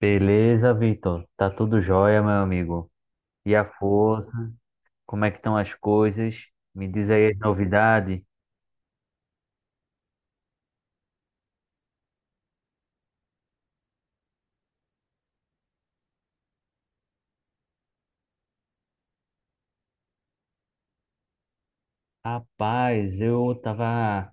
Beleza, Vitor? Tá tudo jóia, meu amigo. E a força? Como é que estão as coisas? Me diz aí as novidades. Rapaz, eu tava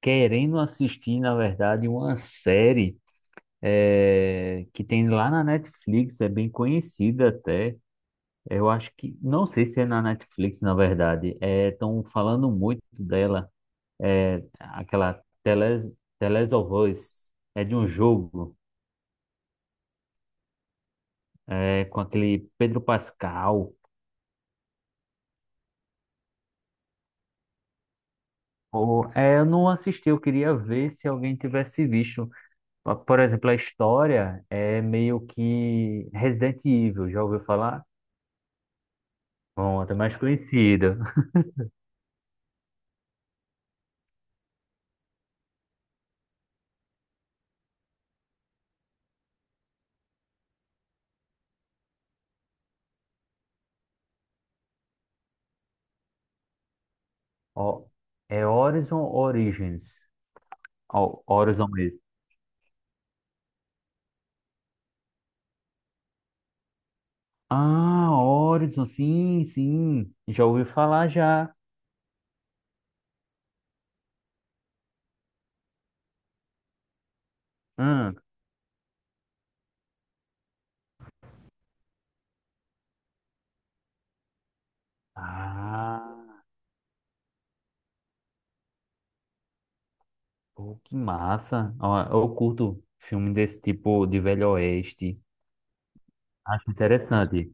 querendo assistir, na verdade, uma série que tem lá na Netflix, é bem conhecida até. Eu acho que, não sei se é na Netflix, na verdade. Estão falando muito dela, é, aquela Teles, Teles of Us. É de um jogo, é, com aquele Pedro Pascal. Ou, é, eu não assisti, eu queria ver se alguém tivesse visto. Por exemplo, a história é meio que Resident Evil, já ouviu falar? Bom, até mais conhecido. Ó, é Horizon Origins. Ó, Horizon mesmo. Ah, Horizon, sim, sim. Já ouvi falar já. Hum. Ah, pô, que massa. Ó, eu curto filme desse tipo de Velho Oeste. Acho interessante.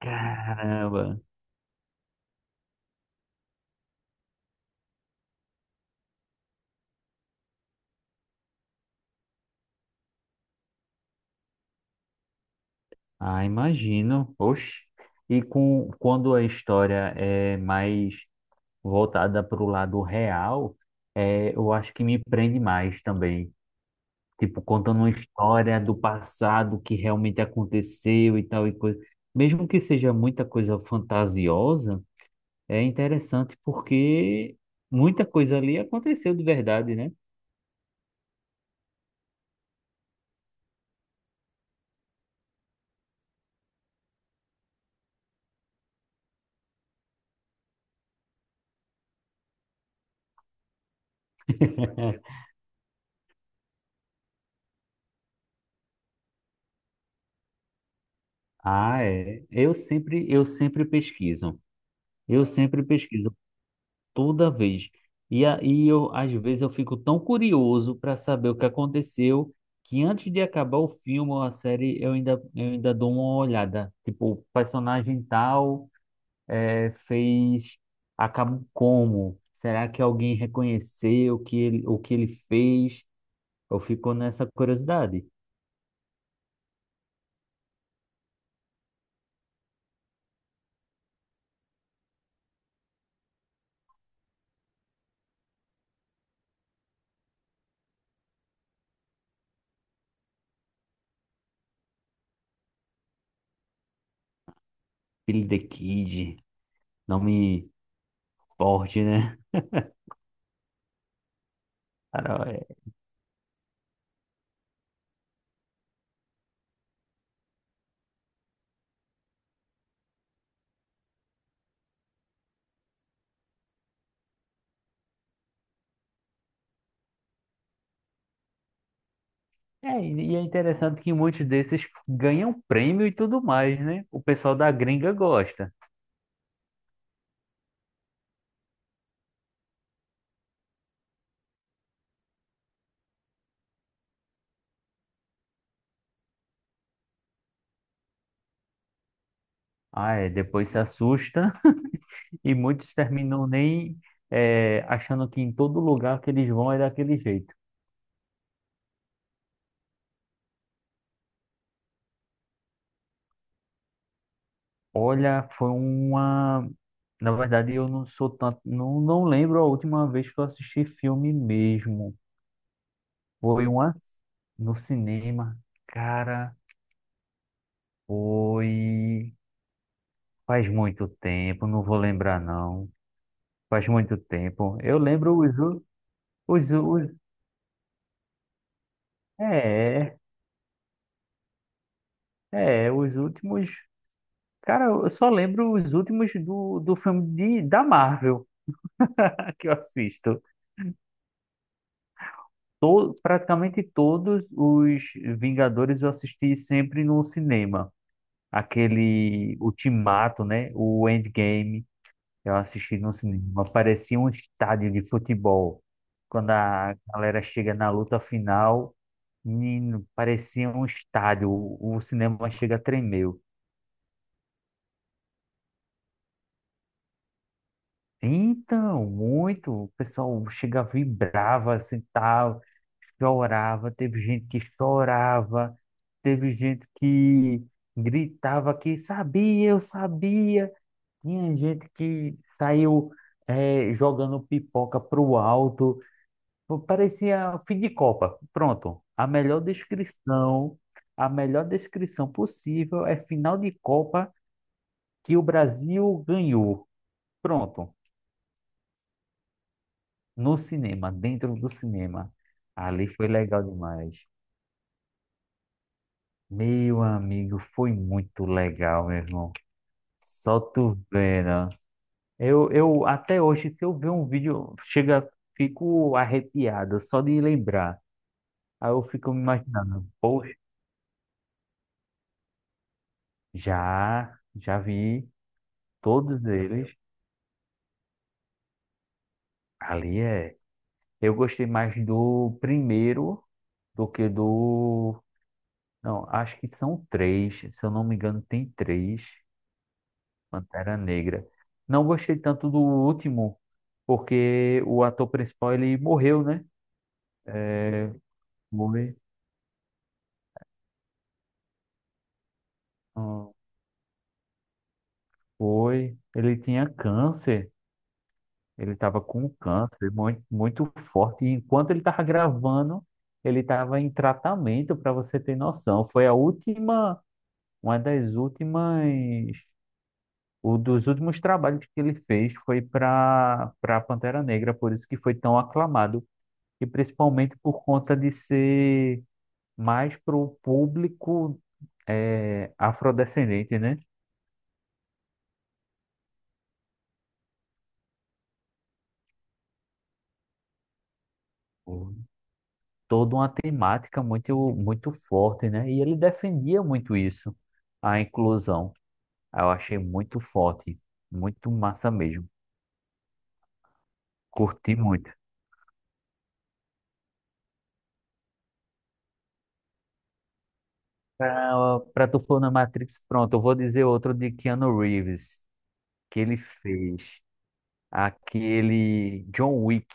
Caramba. Ah, imagino. Oxe. Quando a história é mais voltada para o lado real, é, eu acho que me prende mais também. Tipo, contando uma história do passado que realmente aconteceu e tal e coisa. Mesmo que seja muita coisa fantasiosa, é interessante porque muita coisa ali aconteceu de verdade, né? Ah, é. Eu sempre pesquiso. Eu sempre pesquiso. Toda vez. E aí eu às vezes eu fico tão curioso para saber o que aconteceu que antes de acabar o filme ou a série eu ainda dou uma olhada, tipo, o personagem tal fez, acabou como? Será que alguém reconheceu o que ele fez? Eu fico nessa curiosidade. Billy the Kid, nome forte, né? Cara, é, e é interessante que muitos desses ganham prêmio e tudo mais, né? O pessoal da gringa gosta. Ah, é, depois se assusta. E muitos terminam nem é, achando que em todo lugar que eles vão é daquele jeito. Olha, foi uma. Na verdade, eu não sou tanto. Não, não lembro a última vez que eu assisti filme mesmo. Foi uma no cinema. Cara, foi. Faz muito tempo, não vou lembrar não. Faz muito tempo. Eu lembro os é, é, os últimos. Cara, eu só lembro os últimos do filme de, da Marvel que eu assisto. Praticamente todos os Vingadores eu assisti sempre no cinema. Aquele Ultimato, né? O Endgame, eu assisti no cinema. Parecia um estádio de futebol. Quando a galera chega na luta final. Menino, parecia um estádio, o cinema chega a tremer. Então, muito, o pessoal chega, vibrava, assim, tal, chorava, teve gente que chorava, teve gente que gritava que sabia, eu sabia, tinha gente que saiu jogando pipoca pro alto. Pô, parecia fim de Copa. Pronto, a melhor descrição possível é final de Copa que o Brasil ganhou. Pronto, no cinema, dentro do cinema. Ali foi legal demais. Meu amigo, foi muito legal, meu irmão. Só tu vendo. Eu até hoje, se eu ver um vídeo, chega, fico arrepiado só de lembrar. Aí eu fico me imaginando, poxa, já, já vi todos eles. Ali é. Eu gostei mais do primeiro do que do. Não, acho que são três. Se eu não me engano, tem três Pantera Negra. Não gostei tanto do último, porque o ator principal ele morreu, né? Foi. Ah, foi. Ele tinha câncer. Ele estava com câncer muito, muito forte. E enquanto ele estava gravando, ele estava em tratamento, para você ter noção. Foi a última, uma das últimas. O dos últimos trabalhos que ele fez foi para Pantera Negra, por isso que foi tão aclamado, e principalmente por conta de ser mais para o público afrodescendente, né? Uhum. Toda uma temática muito, muito forte, né? E ele defendia muito isso, a inclusão. Eu achei muito forte, muito massa mesmo. Curti muito. Para tu for na Matrix, pronto, eu vou dizer outro de Keanu Reeves, que ele fez. Aquele John Wick.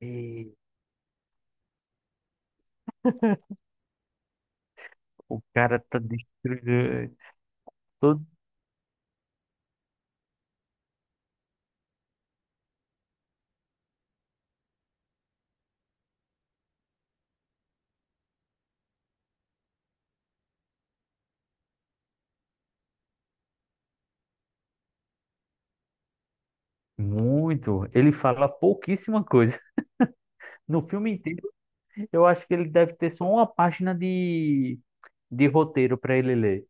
E o cara tá destruindo todo muito. Ele fala pouquíssima coisa. No filme inteiro, eu acho que ele deve ter só uma página de roteiro para ele ler.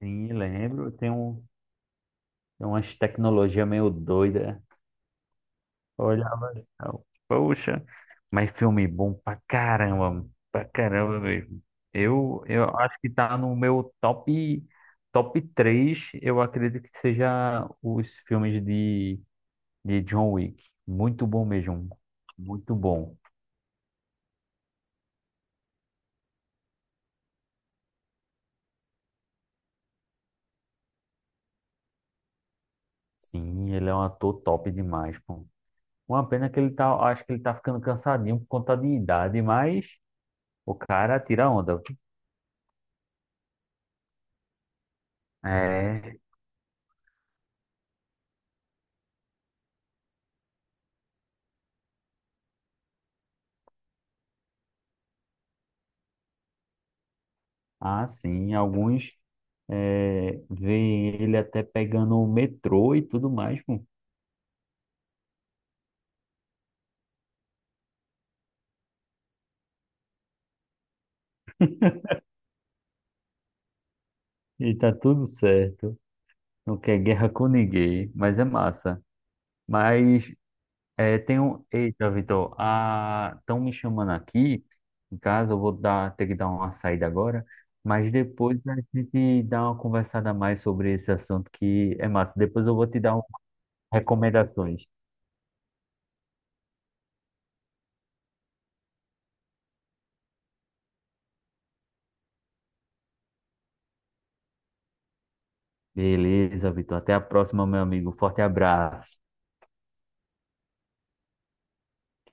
Sim, lembro. Tem um, tem umas tecnologia meio doida. Olhava, então, poxa, mas filme bom pra caramba mesmo. Eu acho que tá no meu top, top 3. Eu acredito que seja os filmes de John Wick. Muito bom mesmo, muito bom. Sim, ele é um ator top demais, pô. Uma pena que ele tá, acho que ele tá ficando cansadinho por conta de idade, mas o cara tira onda. É. Ah, sim, alguns veem ele até pegando o metrô e tudo mais, pô. E tá tudo certo. Não quer guerra com ninguém, mas é massa. Mas é tem um. Eita, Vitor, estão me chamando aqui. Em casa, eu vou dar, ter que dar uma saída agora. Mas depois a gente dá uma conversada a mais sobre esse assunto que é massa. Depois eu vou te dar um- recomendações. Beleza, Vitor. Até a próxima, meu amigo. Forte abraço.